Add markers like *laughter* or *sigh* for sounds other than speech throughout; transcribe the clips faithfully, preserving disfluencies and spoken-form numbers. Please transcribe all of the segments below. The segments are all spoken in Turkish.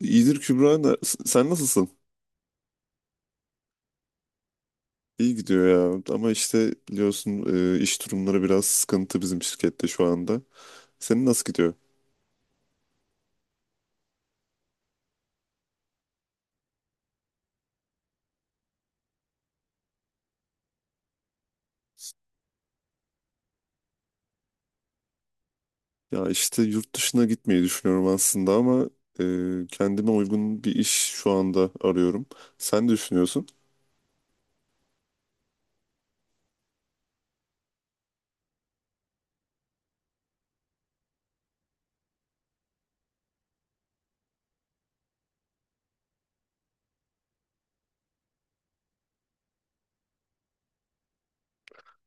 İyidir Kübra. Na- Sen nasılsın? İyi gidiyor ya. Ama işte biliyorsun, e, iş durumları biraz sıkıntı bizim şirkette şu anda. Senin nasıl gidiyor? Ya işte yurt dışına gitmeyi düşünüyorum aslında ama e, kendime uygun bir iş şu anda arıyorum. Sen ne düşünüyorsun?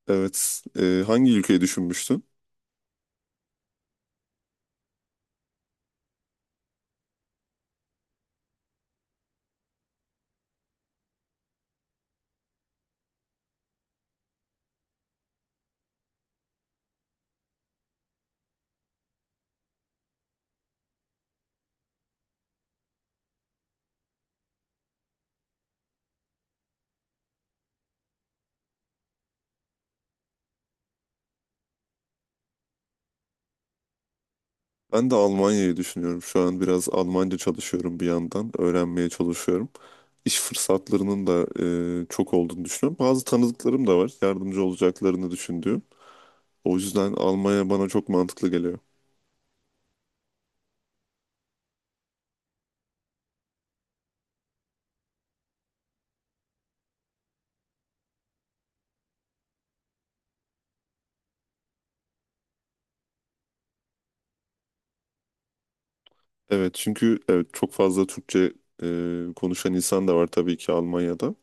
Evet. E, hangi ülkeyi düşünmüştün? Ben de Almanya'yı düşünüyorum. Şu an biraz Almanca çalışıyorum bir yandan. Öğrenmeye çalışıyorum. İş fırsatlarının da e, çok olduğunu düşünüyorum. Bazı tanıdıklarım da var. Yardımcı olacaklarını düşündüğüm. O yüzden Almanya bana çok mantıklı geliyor. Evet, çünkü evet, çok fazla Türkçe e, konuşan insan da var tabii ki Almanya'da.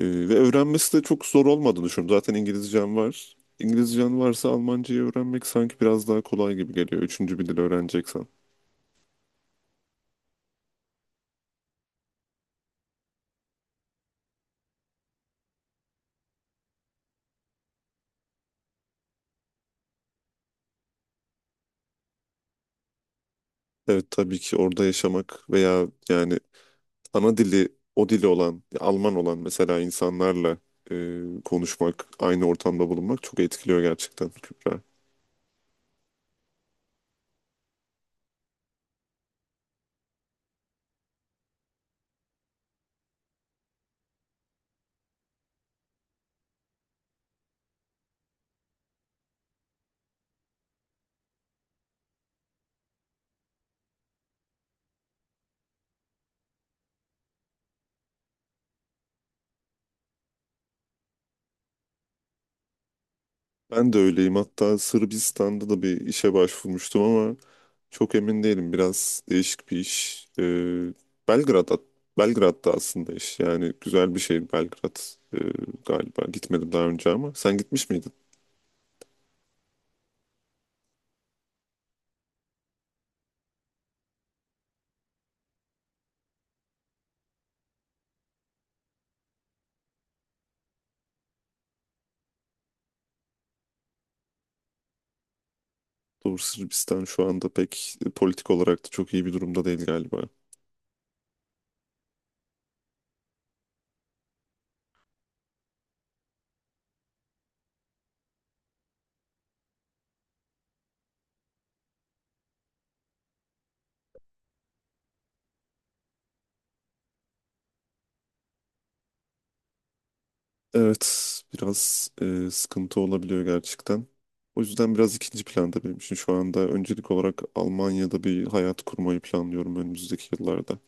E, ve öğrenmesi de çok zor olmadığını düşünüyorum. Zaten İngilizcem var. İngilizcen varsa Almancayı öğrenmek sanki biraz daha kolay gibi geliyor. Üçüncü bir dil öğreneceksen. Evet, tabii ki orada yaşamak veya yani ana dili, o dili olan, Alman olan mesela insanlarla e, konuşmak, aynı ortamda bulunmak çok etkiliyor gerçekten Kübra. Ben de öyleyim. Hatta Sırbistan'da da bir işe başvurmuştum ama çok emin değilim. Biraz değişik bir iş. Ee, Belgrad'a, Belgrad'da aslında iş. Yani güzel bir şehir Belgrad Ee, galiba. Gitmedim daha önce ama sen gitmiş miydin? Doğru, Sırbistan şu anda pek e, politik olarak da çok iyi bir durumda değil galiba. Evet, biraz e, sıkıntı olabiliyor gerçekten. O yüzden biraz ikinci planda, benim için şu anda öncelik olarak Almanya'da bir hayat kurmayı planlıyorum önümüzdeki yıllarda.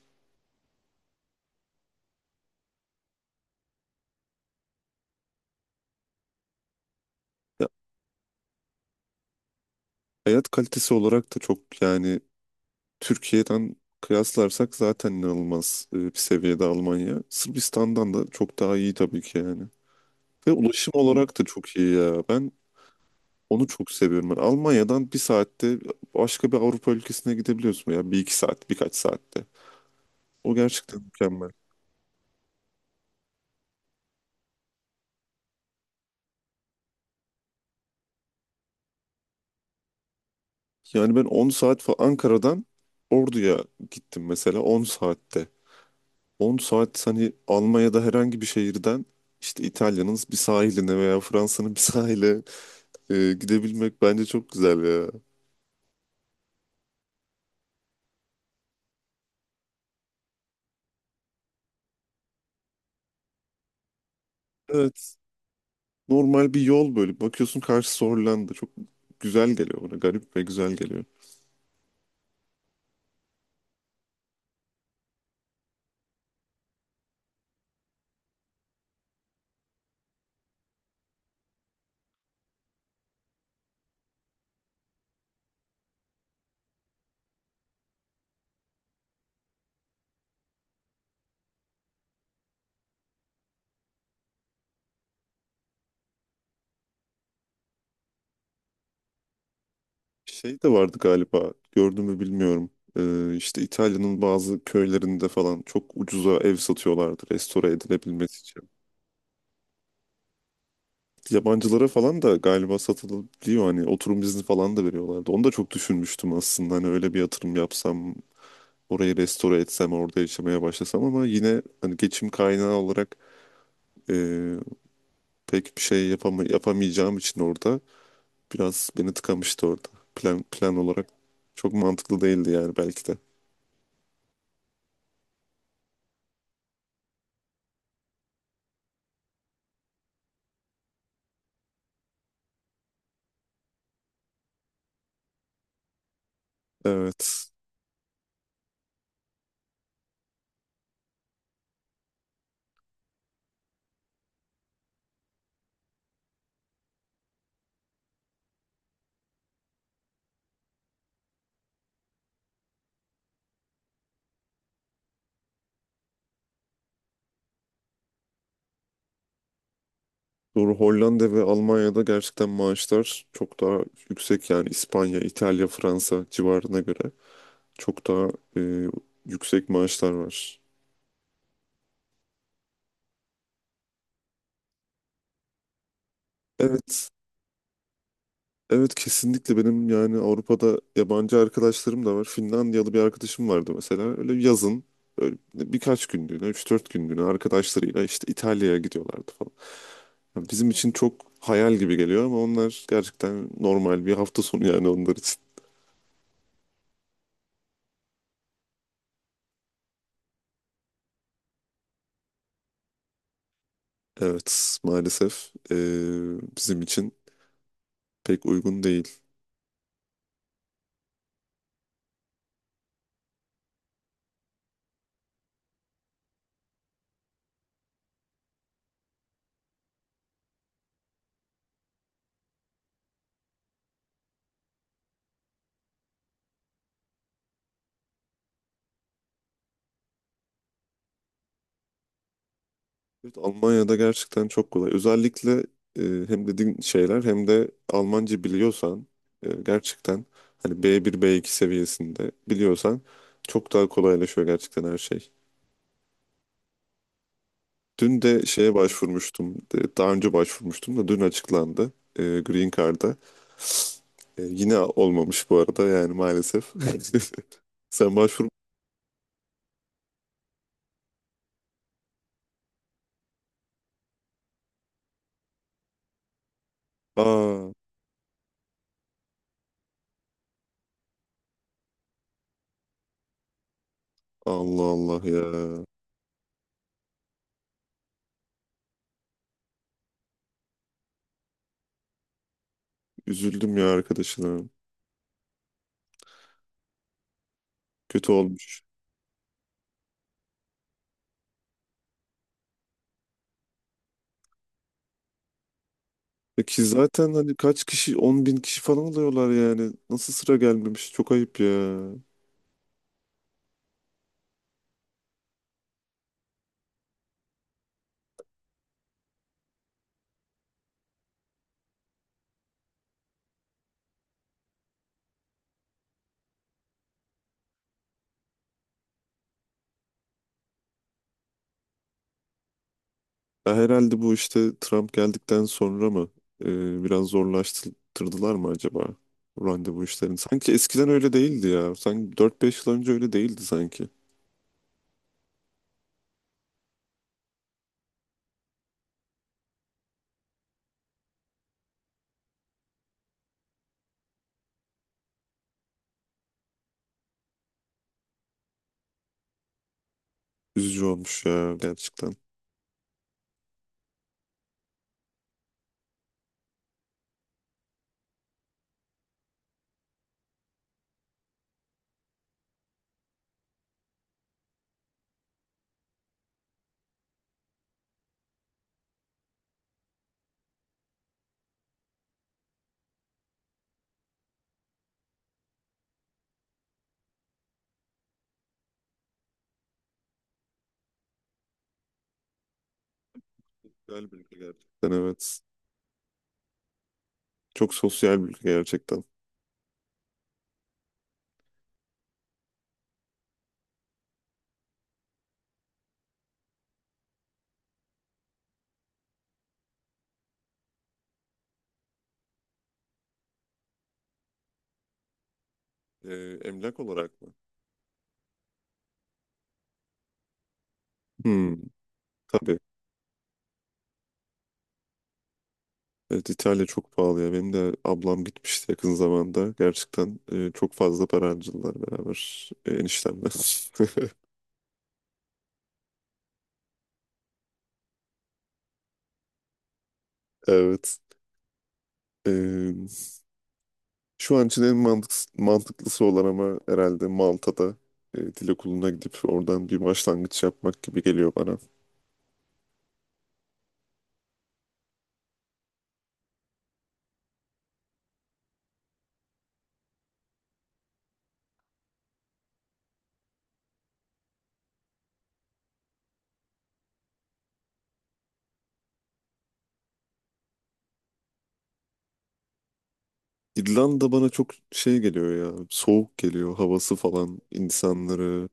Hayat kalitesi olarak da çok, yani Türkiye'den kıyaslarsak zaten inanılmaz e, bir seviyede Almanya. Sırbistan'dan da çok daha iyi tabii ki yani. Ve ulaşım olarak da çok iyi ya. Ben onu çok seviyorum. Ben Almanya'dan bir saatte başka bir Avrupa ülkesine gidebiliyorsun ya. Bir iki saat, birkaç saatte. O gerçekten mükemmel. Yani ben on saat falan Ankara'dan Ordu'ya gittim mesela on saatte. on saat hani Almanya'da herhangi bir şehirden işte İtalya'nın bir sahiline veya Fransa'nın bir sahile e, gidebilmek bence çok güzel ya. Evet. Normal bir yol böyle. Bakıyorsun karşısı Hollanda. Çok güzel geliyor bana. Garip ve güzel geliyor. Şey de vardı galiba. Gördün mü bilmiyorum. E, işte İtalya'nın bazı köylerinde falan çok ucuza ev satıyorlardı restore edilebilmesi için. Yabancılara falan da galiba satılabiliyor, hani oturum izni falan da veriyorlardı. Onu da çok düşünmüştüm aslında, hani öyle bir yatırım yapsam orayı restore etsem orada yaşamaya başlasam ama yine hani geçim kaynağı olarak e, pek bir şey yapama, yapamayacağım için orada biraz beni tıkamıştı orada. Plan, plan olarak çok mantıklı değildi yani belki de. Evet. Doğru, Hollanda ve Almanya'da gerçekten maaşlar çok daha yüksek yani İspanya, İtalya, Fransa civarına göre. Çok daha e, yüksek maaşlar var. Evet, evet, kesinlikle. Benim yani Avrupa'da yabancı arkadaşlarım da var. Finlandiyalı bir arkadaşım vardı mesela. Öyle yazın böyle birkaç günlüğüne, üç dört günlüğüne arkadaşlarıyla işte İtalya'ya gidiyorlardı falan. Yani bizim için çok hayal gibi geliyor ama onlar gerçekten normal bir hafta sonu yani onlar için. Evet, maalesef e, bizim için pek uygun değil. Evet, Almanya'da gerçekten çok kolay. Özellikle e, hem dediğin şeyler hem de Almanca biliyorsan e, gerçekten hani B bir B iki seviyesinde biliyorsan çok daha kolaylaşıyor gerçekten her şey. Dün de şeye başvurmuştum. e, Daha önce başvurmuştum da dün açıklandı e, Green Card'a. E, yine olmamış bu arada yani maalesef. *laughs* Sen başvur. Aa, Allah Allah ya. Üzüldüm ya arkadaşına. Kötü olmuş. Peki zaten hani kaç kişi, on bin kişi falan oluyorlar yani. Nasıl sıra gelmemiş? Çok ayıp ya. Ya herhalde bu işte Trump geldikten sonra mı e, biraz zorlaştırdılar mı acaba bu randevu işlerini? Sanki eskiden öyle değildi ya. Sanki dört beş yıl önce öyle değildi sanki. Üzücü olmuş ya gerçekten. Sosyal bir ülke gerçekten, evet. Çok sosyal bir ülke gerçekten. E, Emlak olarak mı? Hmm, tabii. Evet, İtalya çok pahalı ya. Benim de ablam gitmişti yakın zamanda. Gerçekten e, çok fazla para harcadılar beraber e, eniştemle. *laughs* Evet. E, Şu an için en mantık, mantıklısı olan ama herhalde Malta'da e, dil okuluna gidip oradan bir başlangıç yapmak gibi geliyor bana. İrlanda bana çok şey geliyor ya. Soğuk geliyor. Havası falan. İnsanları.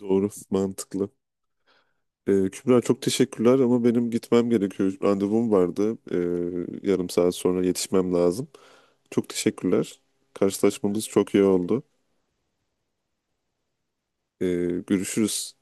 Doğru. Mantıklı. Ee, Kübra çok teşekkürler ama benim gitmem gerekiyor. Randevum vardı. Ee, yarım saat sonra yetişmem lazım. Çok teşekkürler. Karşılaşmamız çok iyi oldu. Ee, Görüşürüz.